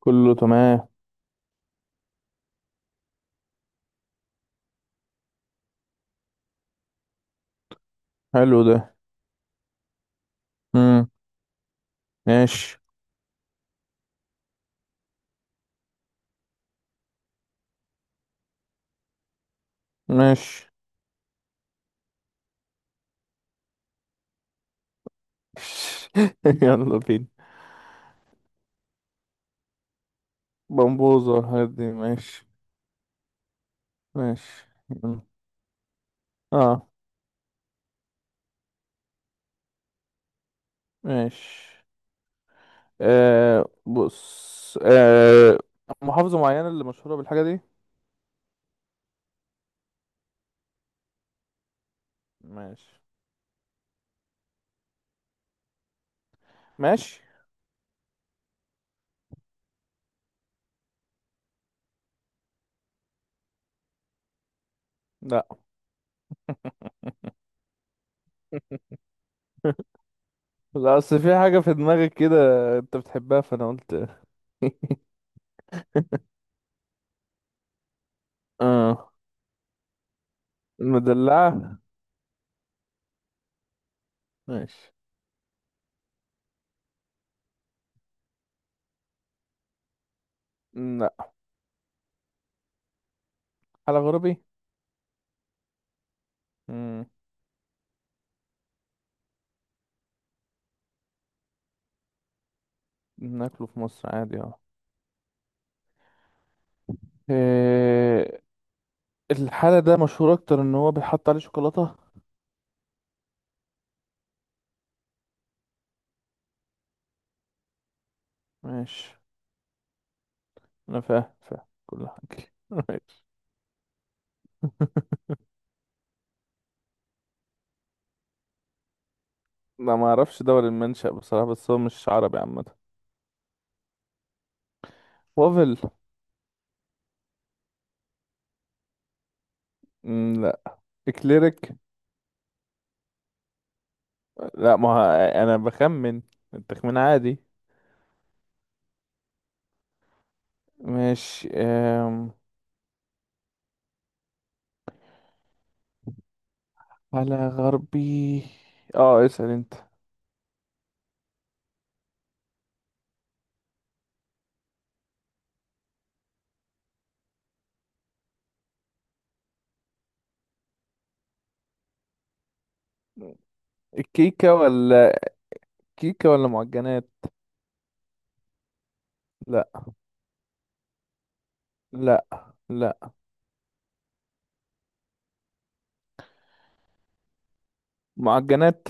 كله تمام. حلو ده. امم ماشي. ماشي. يلا بينا. بمبوزة والحاجات دي. ماشي. ماشي. يلا. اه. ماشي. آه، بص. آه، محافظة معينة اللي مشهورة بالحاجة دي؟ ماشي. ماشي. لا. لا، اصل في حاجة في دماغك كده انت بتحبها فانا قلت. اه. المدلعة. ماشي. لا. حلقة غربي. امم ناكله في مصر عادي. اه. آه، الحالة ده مشهور أكتر إن هو بيحط عليه شوكولاتة. ماشي. أنا فاهم فاهم كل حاجة. ماشي. لا، ما أعرفش دول المنشأ بصراحة بس هو مش عربي عامة. وافل. مم، لا. إكليريك. لا، ما ه- أنا بخمن. التخمين عادي. ماشي. على غربي. اه، اسأل أنت. الكيكة ولا كيكة ولا معجنات؟ لا. لا. لا. معجنات.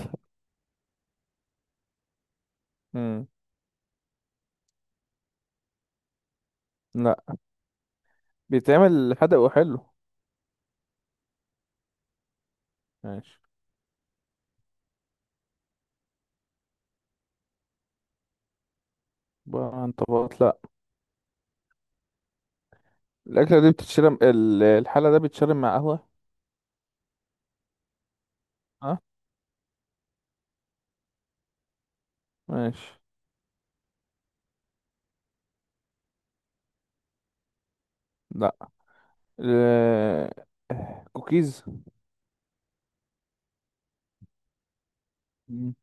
مم. لا، بيتعمل حدق وحلو. ماشي. عبارة عن طبقات؟ لا. الأكلة دي بتتشرب ال- الحالة ده بيتشرب مع قهوة. اه. ماشي. لا. ال- كوكيز. مم.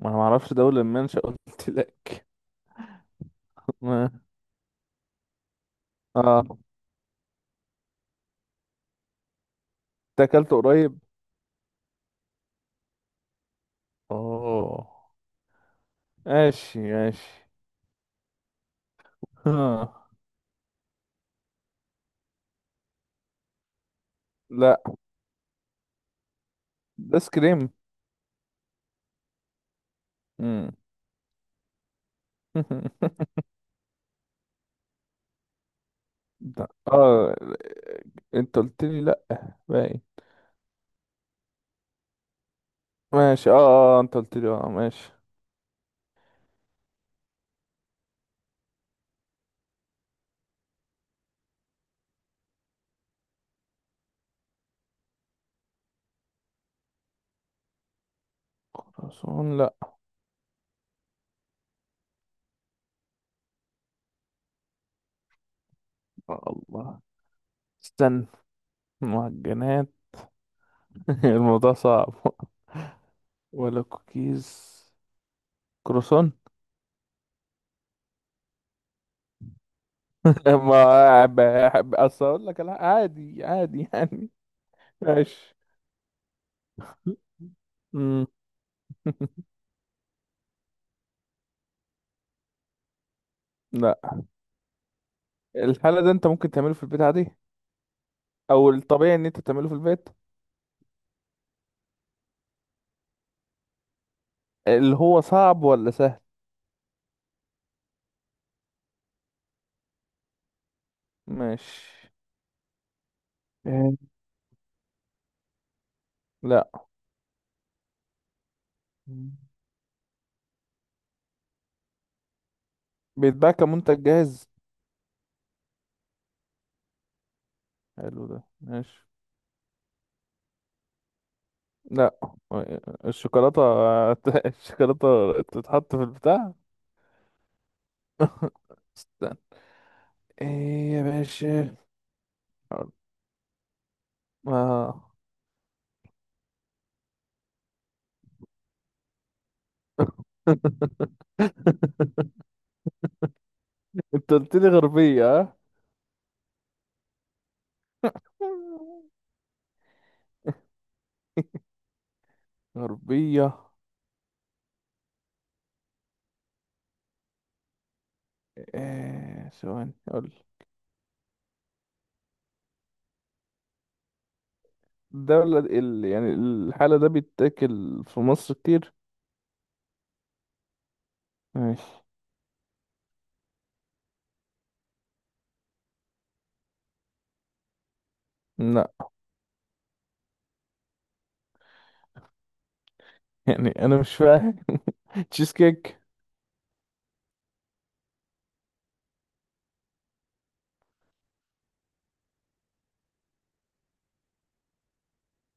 ما انا معرفش ده ولا المنشأ قلت لك. ما- اه. ده اكلته قريب. اوه. ماشي. ماشي. آه. لا، ده ايس كريم. مم. لا. اه، انت قلت لي لا. باي. ماشي. اه. اه. آه. انت قلت لي اه. ماشي. خرسون. لا. آه، الله. استنى. معجنات. الموضوع صعب. ولا كوكيز؟ كروسون. ما بحب اصل اقول لك لا، عادي عادي يعني. ماشي. امم لا، الحالة ده انت ممكن تعمله في البيت عادي. او الطبيعي ان انت تعمله في البيت. اللي هو صعب ولا سهل؟ ماشي. آه. لا. مم. بيتباع كمنتج جاهز. حلو ده. ماشي. لا. الشوكولاتة. الشوكولاتة تتحط في البتاع. استنى. ايه يا باشا؟ آه. انت قلت لي غربية. ها. غربية. آه، ثواني اقول. يعني الحالة ده بيتاكل في مصر كتير. ماشي. لا. يعني انا مش فاهم. تشيز كيك.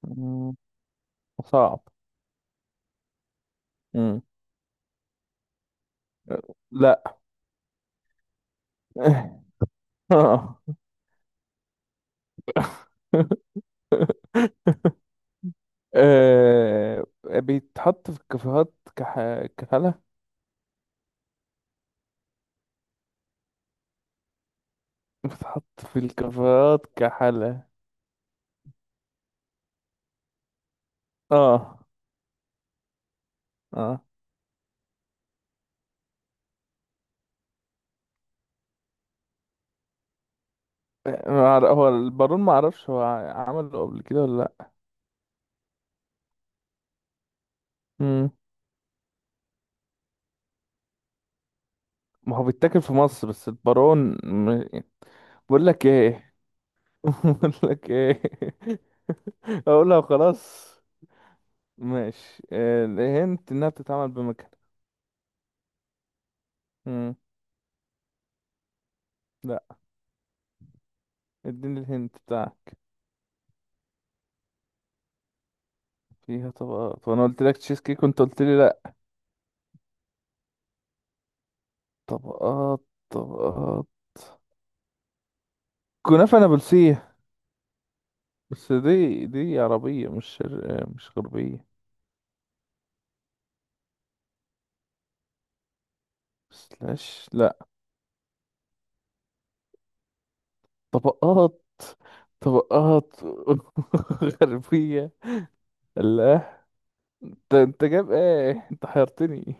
مم، صعب. مم. لا. آه. آه، بيتحط في الكافيهات كحلة. بيتحط في الكافيهات كحلة. اه. اه. ما أعرف- هو البارون ما اعرفش هو عمله قبل كده ولا لا. مم. ما هو بيتاكل في مصر بس البارون. م- بقول لك ايه. بقول لك ايه. اقولها خلاص. ماشي. آه، الهنت انها بتتعمل بمكنه. مم. لا. اديني الهنت بتاعك. فيها طبقات وانا قلت لك تشيز كيك وانت قلت لي لا. طبقات طبقات. كنافه نابلسيه. بس دي عربيه مش مش غربيه. بس لاش. طبقات طبقات. غربية. الله. انت جايب ايه؟ انت حيرتني.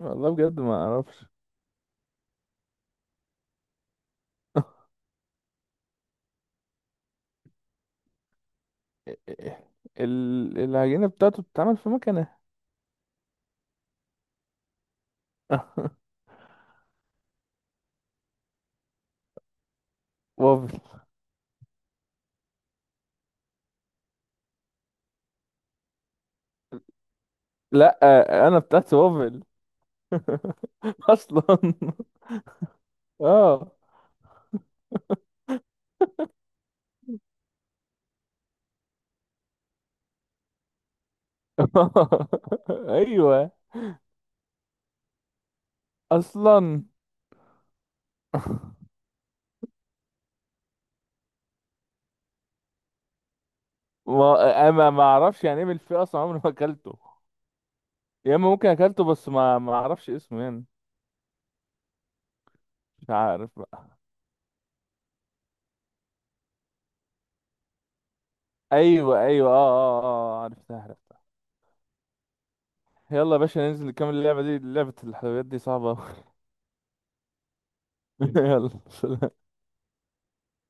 والله بجد ما اعرفش. العجينة بتاعته بتتعمل في مكنة. وافل. لا، انا بتاعتي وافل. اصلا. اه. ايوه اصلا. ما اعرفش يعني ايه بالفئة اصلا عمري ما اكلته. يا اما ممكن اكلته بس ما اعرفش اسمه يعني. مش عارف. ايوه ايوه. اه اه اه. آه، عرفتها عرفتها. يلا يا باشا، ننزل نكمل اللعبه دي. لعبه الحلويات دي صعبه أوي. يلا سلام.